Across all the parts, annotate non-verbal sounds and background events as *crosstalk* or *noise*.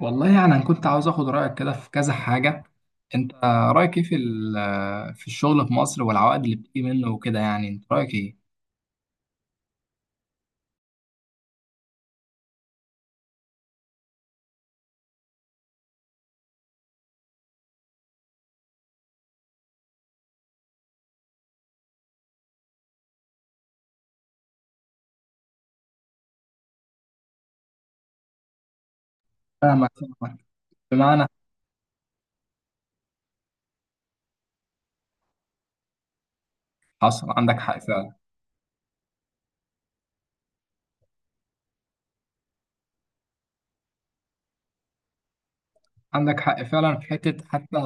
والله يعني انا كنت عاوز اخد رايك كده في كذا حاجه. انت رايك ايه في الشغل في مصر والعوائد اللي بتيجي منه وكده؟ يعني انت رايك ايه؟ فاهمك، فاهمك. بمعنى، حصل عندك حق فعلا. عندك حق فعلا في حته، حتى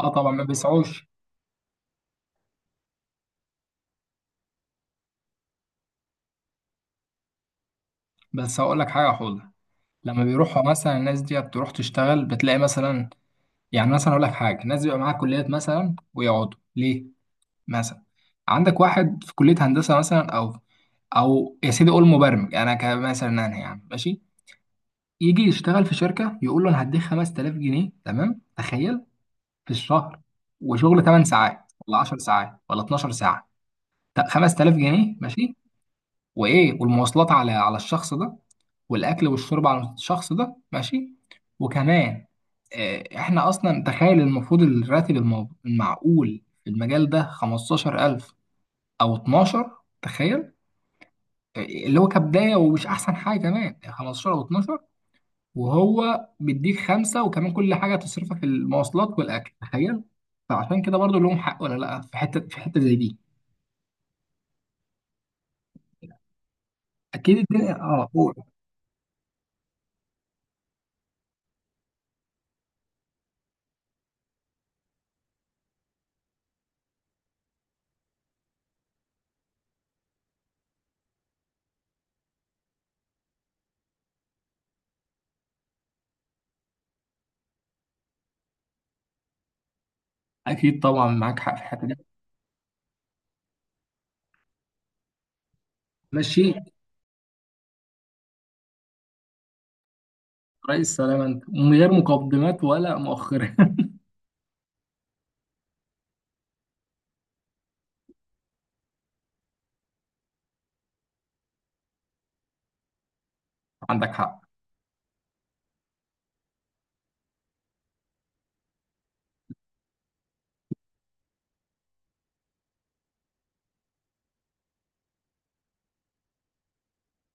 اه طبعا ما بيسعوش. بس هقول لك حاجه حوله، لما بيروحوا مثلا الناس دي بتروح تشتغل بتلاقي مثلا، يعني مثلا اقول لك حاجه، ناس بيبقى معاها كليات مثلا ويقعدوا ليه. مثلا عندك واحد في كلية هندسة مثلا، أو أو يا سيدي قول مبرمج، أنا كمثلا أنا يعني ماشي. يجي يشتغل في شركة يقول له أنا هديك 5000 جنيه، تمام؟ تخيل، في الشهر، وشغل 8 ساعات ولا 10 ساعات ولا 12 ساعة. 5000 جنيه ماشي، وإيه، والمواصلات على الشخص ده، والأكل والشرب على الشخص ده ماشي، وكمان إحنا أصلا تخيل المفروض الراتب المعقول في المجال ده 15000 او 12. تخيل، اللي هو كبدايه ومش احسن حاجه كمان، 15 او 12، وهو بيديك خمسه، وكمان كل حاجه تصرفها في المواصلات والاكل، تخيل. فعشان كده برضو لهم حق ولا لا، في حته في حته زي دي؟ اكيد الدنيا، اه قول. اكيد طبعا معاك حق في الحته دي. ماشي. رئيس سلام انت، من غير مقدمات ولا مؤخره. *laughs* عندك حق.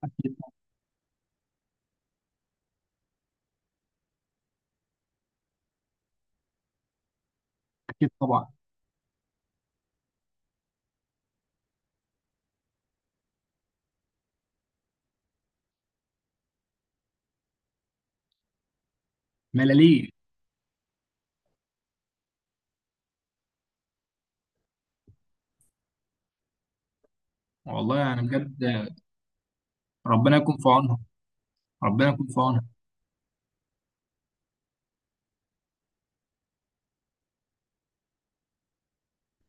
اكيد. اكيد طبعا. ملاليم. والله يعني بجد. ربنا يكون في عونهم، ربنا يكون في عونهم.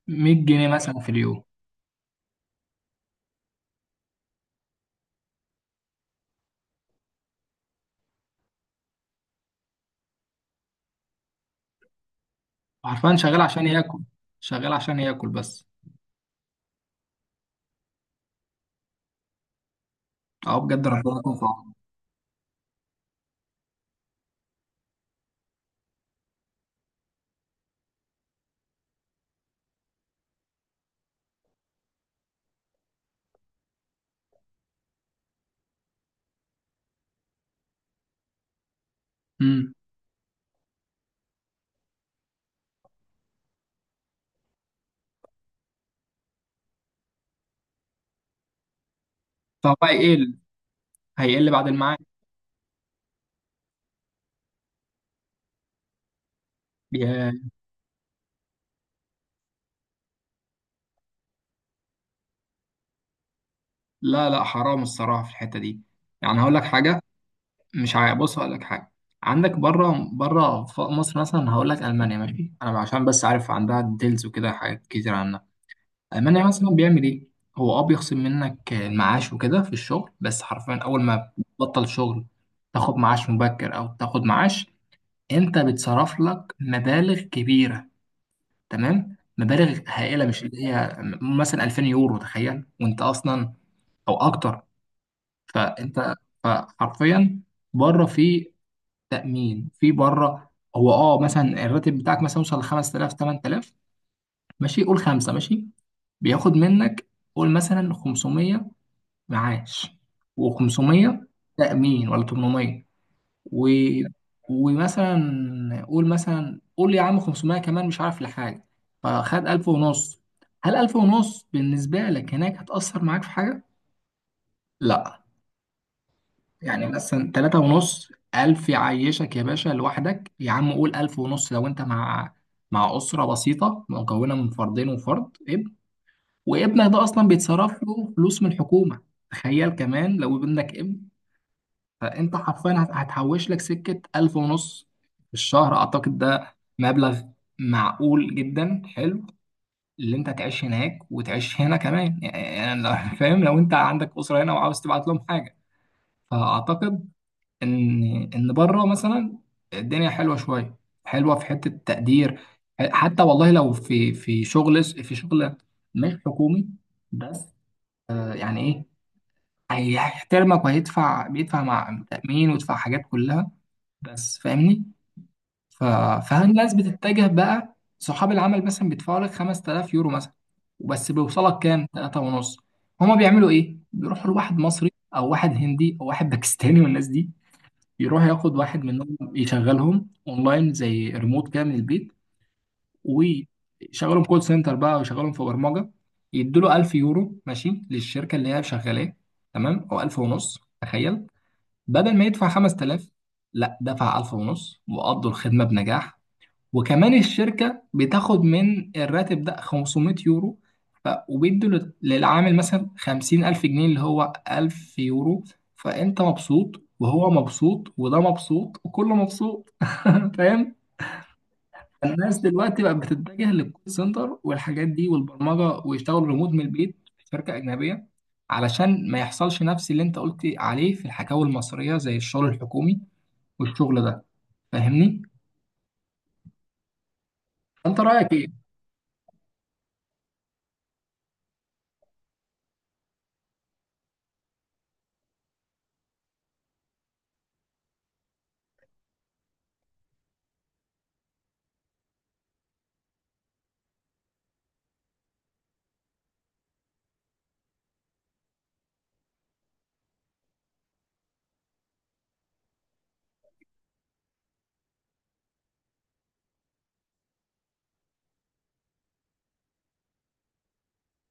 100 جنيه مثلا في اليوم. عارفان شغال عشان ياكل، شغال عشان ياكل بس. اه بجد ربنا يكون في عونه. امم. طب بقى ايه هيقل بعد الميعاد؟ يا- لا لا، حرام الصراحه في الحته دي. يعني هقول لك حاجه. مش عا- بص هقول لك حاجه. عندك بره بره، مصر مثلا هقول لك، المانيا ماشي، انا عشان بس عارف عندها ديلز وكده حاجات كتير عنها. المانيا مثلا بيعمل ايه؟ هو اه بيخصم منك المعاش وكده في الشغل، بس حرفيا اول ما بتبطل شغل تاخد معاش مبكر او تاخد معاش. انت بيتصرف لك مبالغ كبيره، تمام، مبالغ هائله، مش اللي هي مثلا 2000 يورو تخيل، وانت اصلا، او اكتر. فانت، فحرفيا، بره، في تامين في بره. هو اه مثلا الراتب بتاعك مثلا يوصل ل 5000 8000، ماشي قول خمسه ماشي. بياخد منك، قول مثلا 500 معاش، و500 تامين ولا 800، و... ومثلا قول مثلا قول يا عم 500 كمان مش عارف لحاجه. فخد 1000 ونص. هل 1000 ونص بالنسبه لك هناك هتأثر معاك في حاجه؟ لا. يعني مثلا 3 ونص، 1000 يعيشك يا باشا لوحدك يا عم. قول 1000 ونص لو انت مع اسره بسيطه مكونه من فردين وفرد ابن، وابنك ده اصلا بيتصرف له فلوس من الحكومه. تخيل كمان لو ابنك ابن. فانت حرفيا هتحوش لك سكه ألف ونص في الشهر. اعتقد ده مبلغ معقول جدا، حلو. اللي انت تعيش هناك وتعيش هنا كمان، يعني *laughs* فاهم؟ لو انت عندك اسره هنا وعاوز تبعت لهم حاجه. فاعتقد ان، بره مثلا الدنيا حلوه شويه، حلوه في حته التقدير. حتى والله لو في شغل، في شغل مش حكومي بس، يعني ايه، هيحترمك، وهيدفع بيدفع مع تأمين ويدفع حاجات كلها، بس. فاهمني؟ ف... فهل الناس بتتجه بقى؟ صحاب العمل مثلا بيدفعوا لك 5000 يورو مثلا، وبس بيوصلك كام؟ 3 ونص. هما بيعملوا ايه؟ بيروحوا لواحد مصري او واحد هندي او واحد باكستاني، والناس دي يروح ياخد واحد منهم يشغلهم اونلاين زي ريموت كده من البيت، ويشغلهم كول سنتر بقى، ويشغلهم في برمجة. يدوا له 1000 يورو ماشي للشركة اللي هي شغالاه، تمام، او 1000 ونص تخيل، بدل ما يدفع 5000. لا، دفع 1000 ونص وقضوا الخدمة بنجاح. وكمان الشركة بتاخد من الراتب ده 500 يورو. ف... وبيدوا للعامل مثلا 50000 جنيه، اللي هو 1000 يورو. فأنت مبسوط، وهو مبسوط، وده مبسوط، وكله مبسوط. *laughs* فاهم؟ الناس دلوقتي بقت بتتجه للكول سنتر والحاجات دي والبرمجة، ويشتغلوا ريموت من البيت في شركة أجنبية، علشان ما يحصلش نفس اللي انت قلت عليه في الحكاوي المصرية، زي الشغل الحكومي والشغل ده. فاهمني؟ انت رايك ايه؟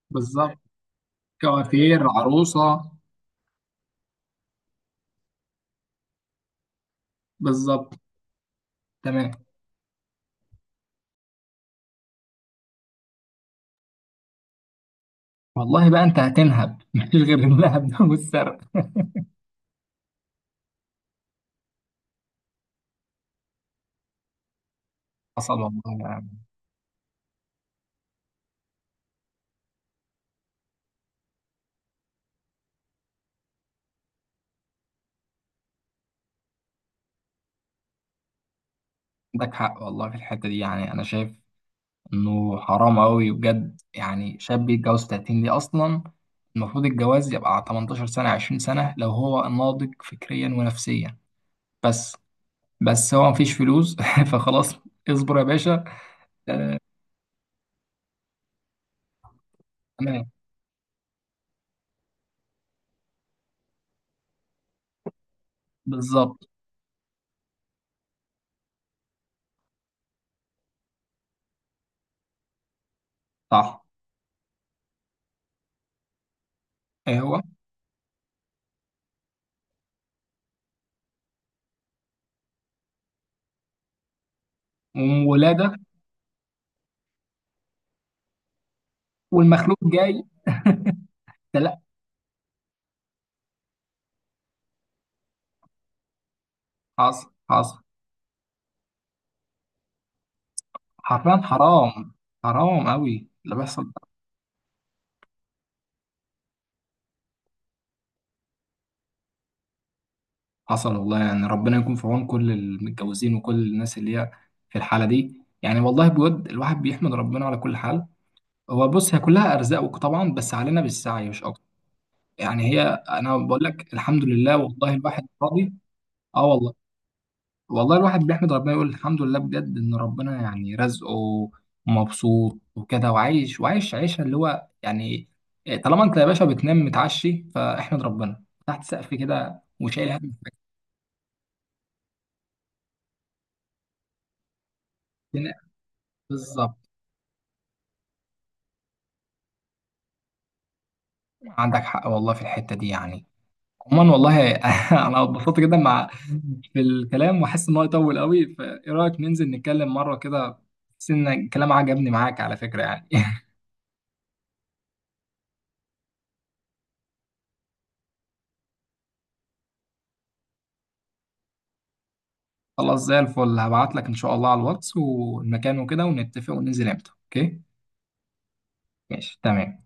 بالظبط. كوافير عروسه. بالظبط. تمام. والله بقى، انت هتنهب. *laughs* مفيش غير اللهب ده والسرقه. حصل والله يعني. عندك حق والله في الحته دي. يعني انا شايف انه حرام قوي بجد يعني شاب يتجوز 30 دي اصلا. المفروض الجواز يبقى على 18 سنه، 20 سنه، لو هو ناضج فكريا ونفسيا، بس. بس هو مفيش فلوس. *laughs* فخلاص اصبر يا باشا. تمام. بالظبط. صح. ايه هو؟ وولادة. والمخلوق جاي. ده لا، حصل، حصل. حرفيا حرام. حرام قوي اللي بيحصل ده. حصل والله يعني. ربنا يكون في عون كل المتجوزين وكل الناس اللي هي في الحالة دي. يعني والله بود الواحد بيحمد ربنا على كل حال. هو بص، هي كلها أرزاق طبعا، بس علينا بالسعي مش أكتر. يعني هي، أنا بقول لك الحمد لله، والله الواحد راضي. اه والله. والله الواحد بيحمد ربنا، يقول الحمد لله بجد، ان ربنا يعني رزقه ومبسوط وكده وعايش، وعايش عيشه اللي هو يعني، طالما انت يا باشا بتنام متعشي فاحمد ربنا تحت سقف كده، وشايل هم الدنيا. بالظبط. عندك حق والله في الحته دي يعني. عموما والله *laughs* انا اتبسطت جدا مع *laughs* في الكلام، واحس ان هو يطول قوي. فايه رايك ننزل نتكلم مره كده؟ بس ان الكلام عجبني معاك على فكره يعني. *laughs* خلاص، زي الفل، هبعت لك ان شاء الله على الواتس والمكان وكده، ونتفق، وننزل امتى. اوكي ماشي تمام.